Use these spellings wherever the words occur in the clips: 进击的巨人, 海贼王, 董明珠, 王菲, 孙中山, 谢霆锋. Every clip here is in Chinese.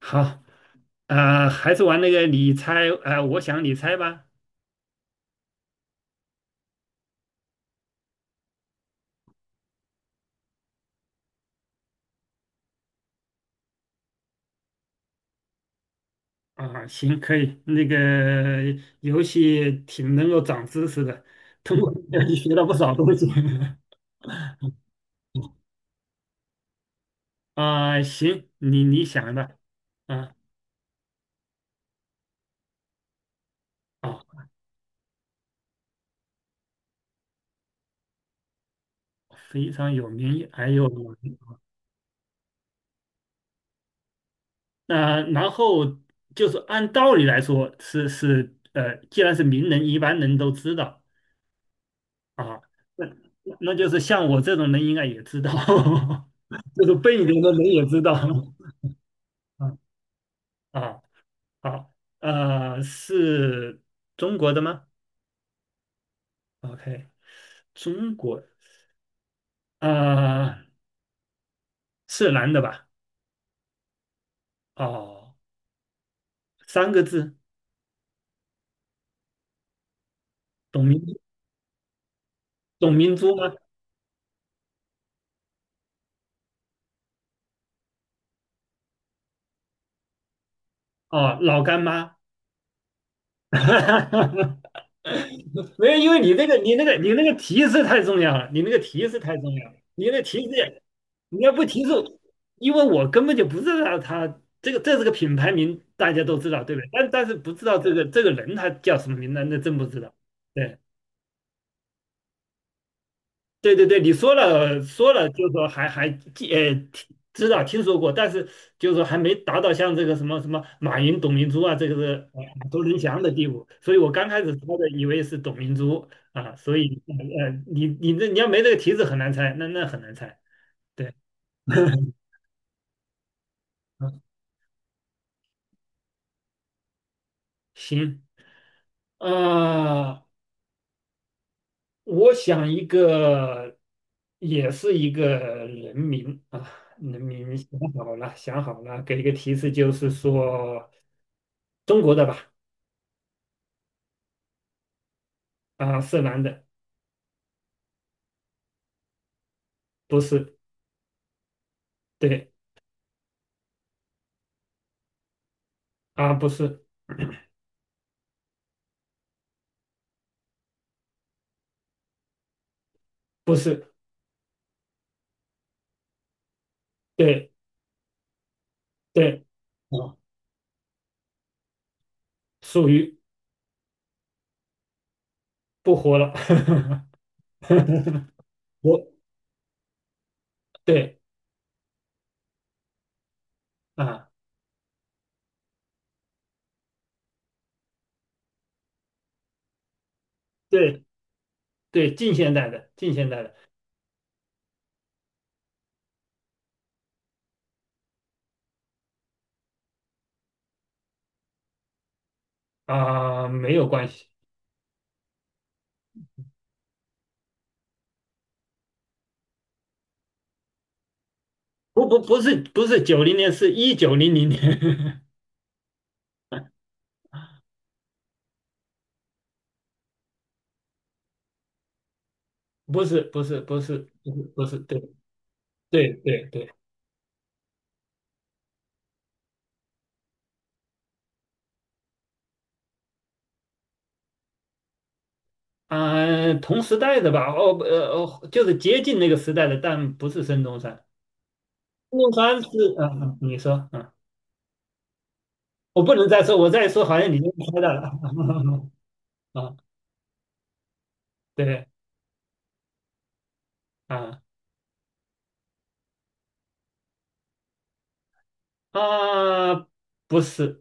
好，还是玩那个你猜，我想你猜吧。啊，行，可以。那个游戏挺能够长知识的，通过这个游戏学到不少东西。啊，行，你想吧。啊啊，非常有名。还有，然后就是按道理来说是，既然是名人，一般人都知道。啊，那那就是像我这种人应该也知道，就是笨一点的人也知道。啊啊啊，是中国的吗？OK,中国，啊是男的吧？哦，三个字，董明董明珠吗？哦，老干妈。没有，因为你那个提示太重要了，你那个提示太重要了，你那个提示你要不提示，因为我根本就不知道他这个这是个品牌名，大家都知道，对不对？但是不知道这个人他叫什么名，那那真不知道。对对对对，你说了说了，就是说还还记呃听知道听说过，但是就是说还没达到像这个什么什么马云、董明珠啊，这个是呃耳熟能详的地步。所以我刚开始猜的以为是董明珠啊，所以呃你你这你要没这个提示很难猜，那那很难猜。对，行。啊、我想一个，也是一个人名啊，人名想好了，想好了，给一个提示，就是说中国的吧，啊，是男的，不是，对，啊，不是，不是，对，对，啊，属于不活了，我，对，啊，对，对，近现代的，近现代的，啊，没有关系，不是90年，是1900年。不是不是不是不是，对对对对，同时代的吧，哦，就是接近那个时代的，但不是孙中山。孙中山是，你说，嗯，我不能再说，我再说好像你就猜到了，啊，对，啊啊，不是，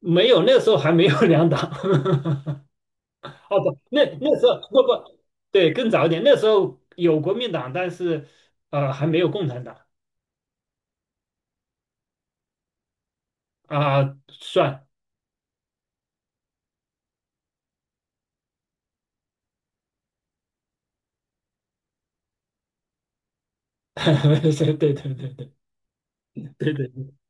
没有，那时候还没有两党，哦不，那那时候不不，对，更早一点，那时候有国民党，但是还没有共产党算，对对对对。对对对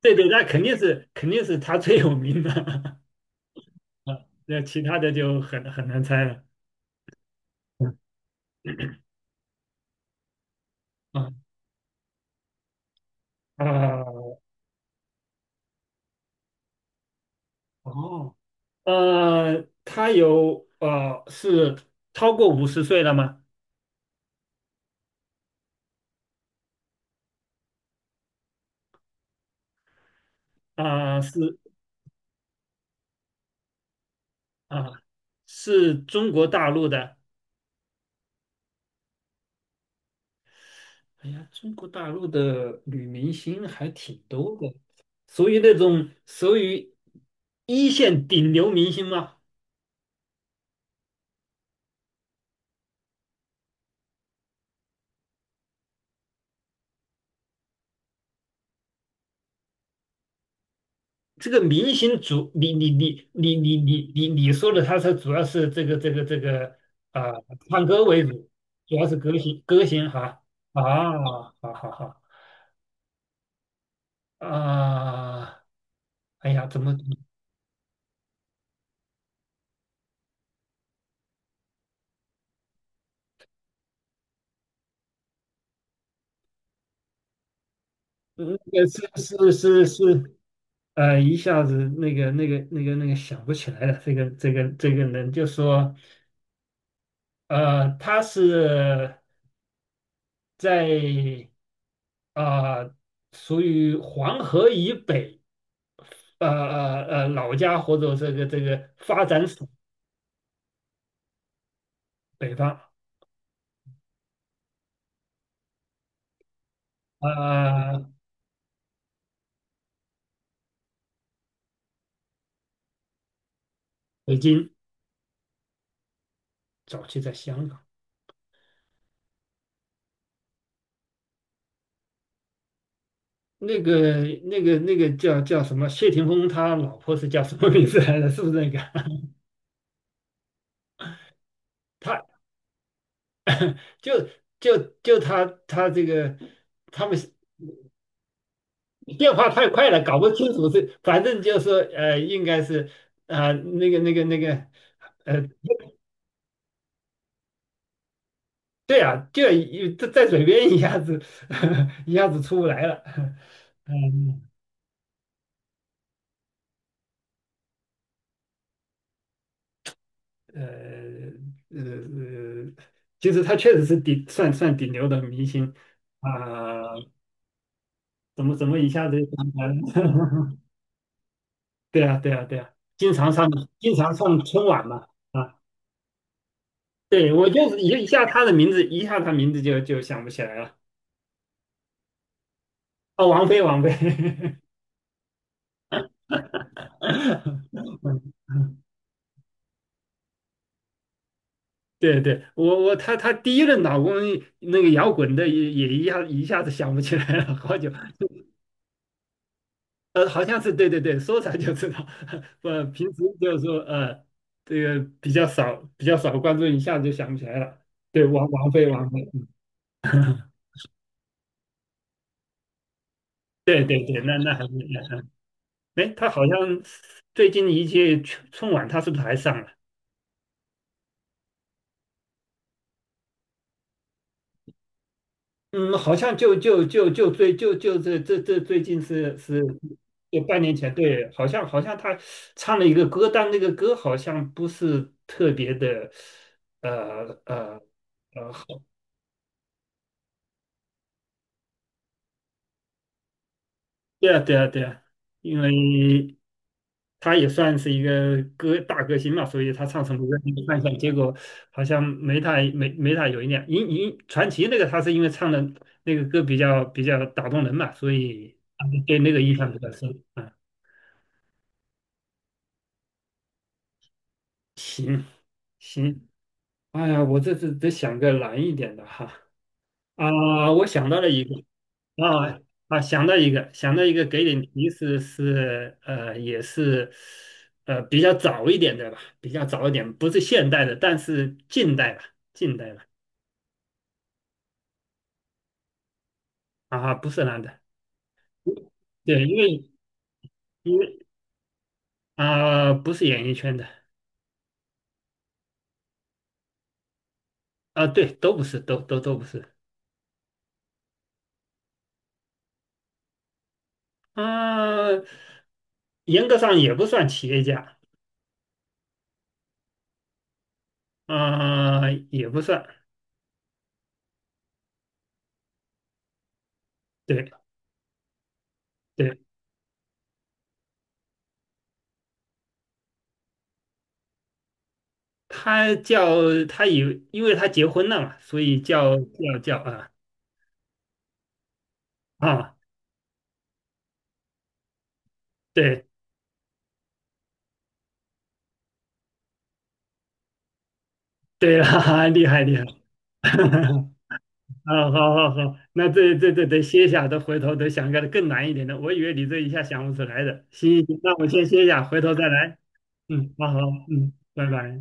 对对，那肯定是他最有名的 啊，那其他的就很很难猜了。嗯啊啊哦，他是超过50岁了吗？啊是啊是中国大陆的。哎呀，中国大陆的女明星还挺多的，属于一线顶流明星吗？这个明星主，你说的，他是主要是这个啊、唱歌为主，主要是歌星哈啊，好好好啊，哎呀，怎么嗯那个是是是是一下子那个想不起来了，这个人就说他是在啊、属于黄河以北。老家或者这个发展史北方，呃，北京，早期在香港。那个叫叫什么？谢霆锋他老婆是叫什么名字来着？是不是那个？他就就就他他们变化太快了，搞不清楚是，反正就是说呃，应该是那个呃，对啊，就一在嘴边一下子 一下子出不来了，嗯。呃呃，呃其实他确实是顶算算顶流的明星啊、怎么一下子就想起来了 对啊，经常上经常上春晚嘛啊，对我就是一下他名字就想不起来了。哦，王菲，嗯对对，我他第一任老公那个摇滚的也也一下子想不起来了，好久。呃，好像是对对对，说出来就知道。我平时就是说，这个比较少，比较少关注，一下子就想不起来了。对，王菲，王菲，嗯，对对对，那那还是，哎，她好像最近一届春晚，她是不是还上了？嗯，好像就就就就最就就这这最近是是，就半年前，对，好像他唱了一个歌，但那个歌好像不是特别的，呃呃呃。对啊，对啊，对啊，因为他也算是一个大歌星嘛，所以他唱什么歌你看一下，结果好像没太有一点。传奇那个他是因为唱的那个歌比较打动人嘛，所以他就对那个印象比较深啊。行行，哎呀，我这次得想个难一点的哈啊，我想到了一个，啊想到一个，想到一个，给点提示是，也是，比较早一点的吧，比较早一点，不是现代的，但是近代吧，啊，不是男的，对，因为啊，不是演艺圈的，啊，对，都不是，都不是，啊，严格上也不算企业家，啊，也不算，对对，他叫他以，因为他结婚了嘛，所以叫啊。啊对对啦，厉害，啊，好好好，那这得歇下，得回头得想个更难一点的，我以为你这一下想不出来的，行行行，那我先歇下，回头再来，嗯，好好，嗯，拜拜。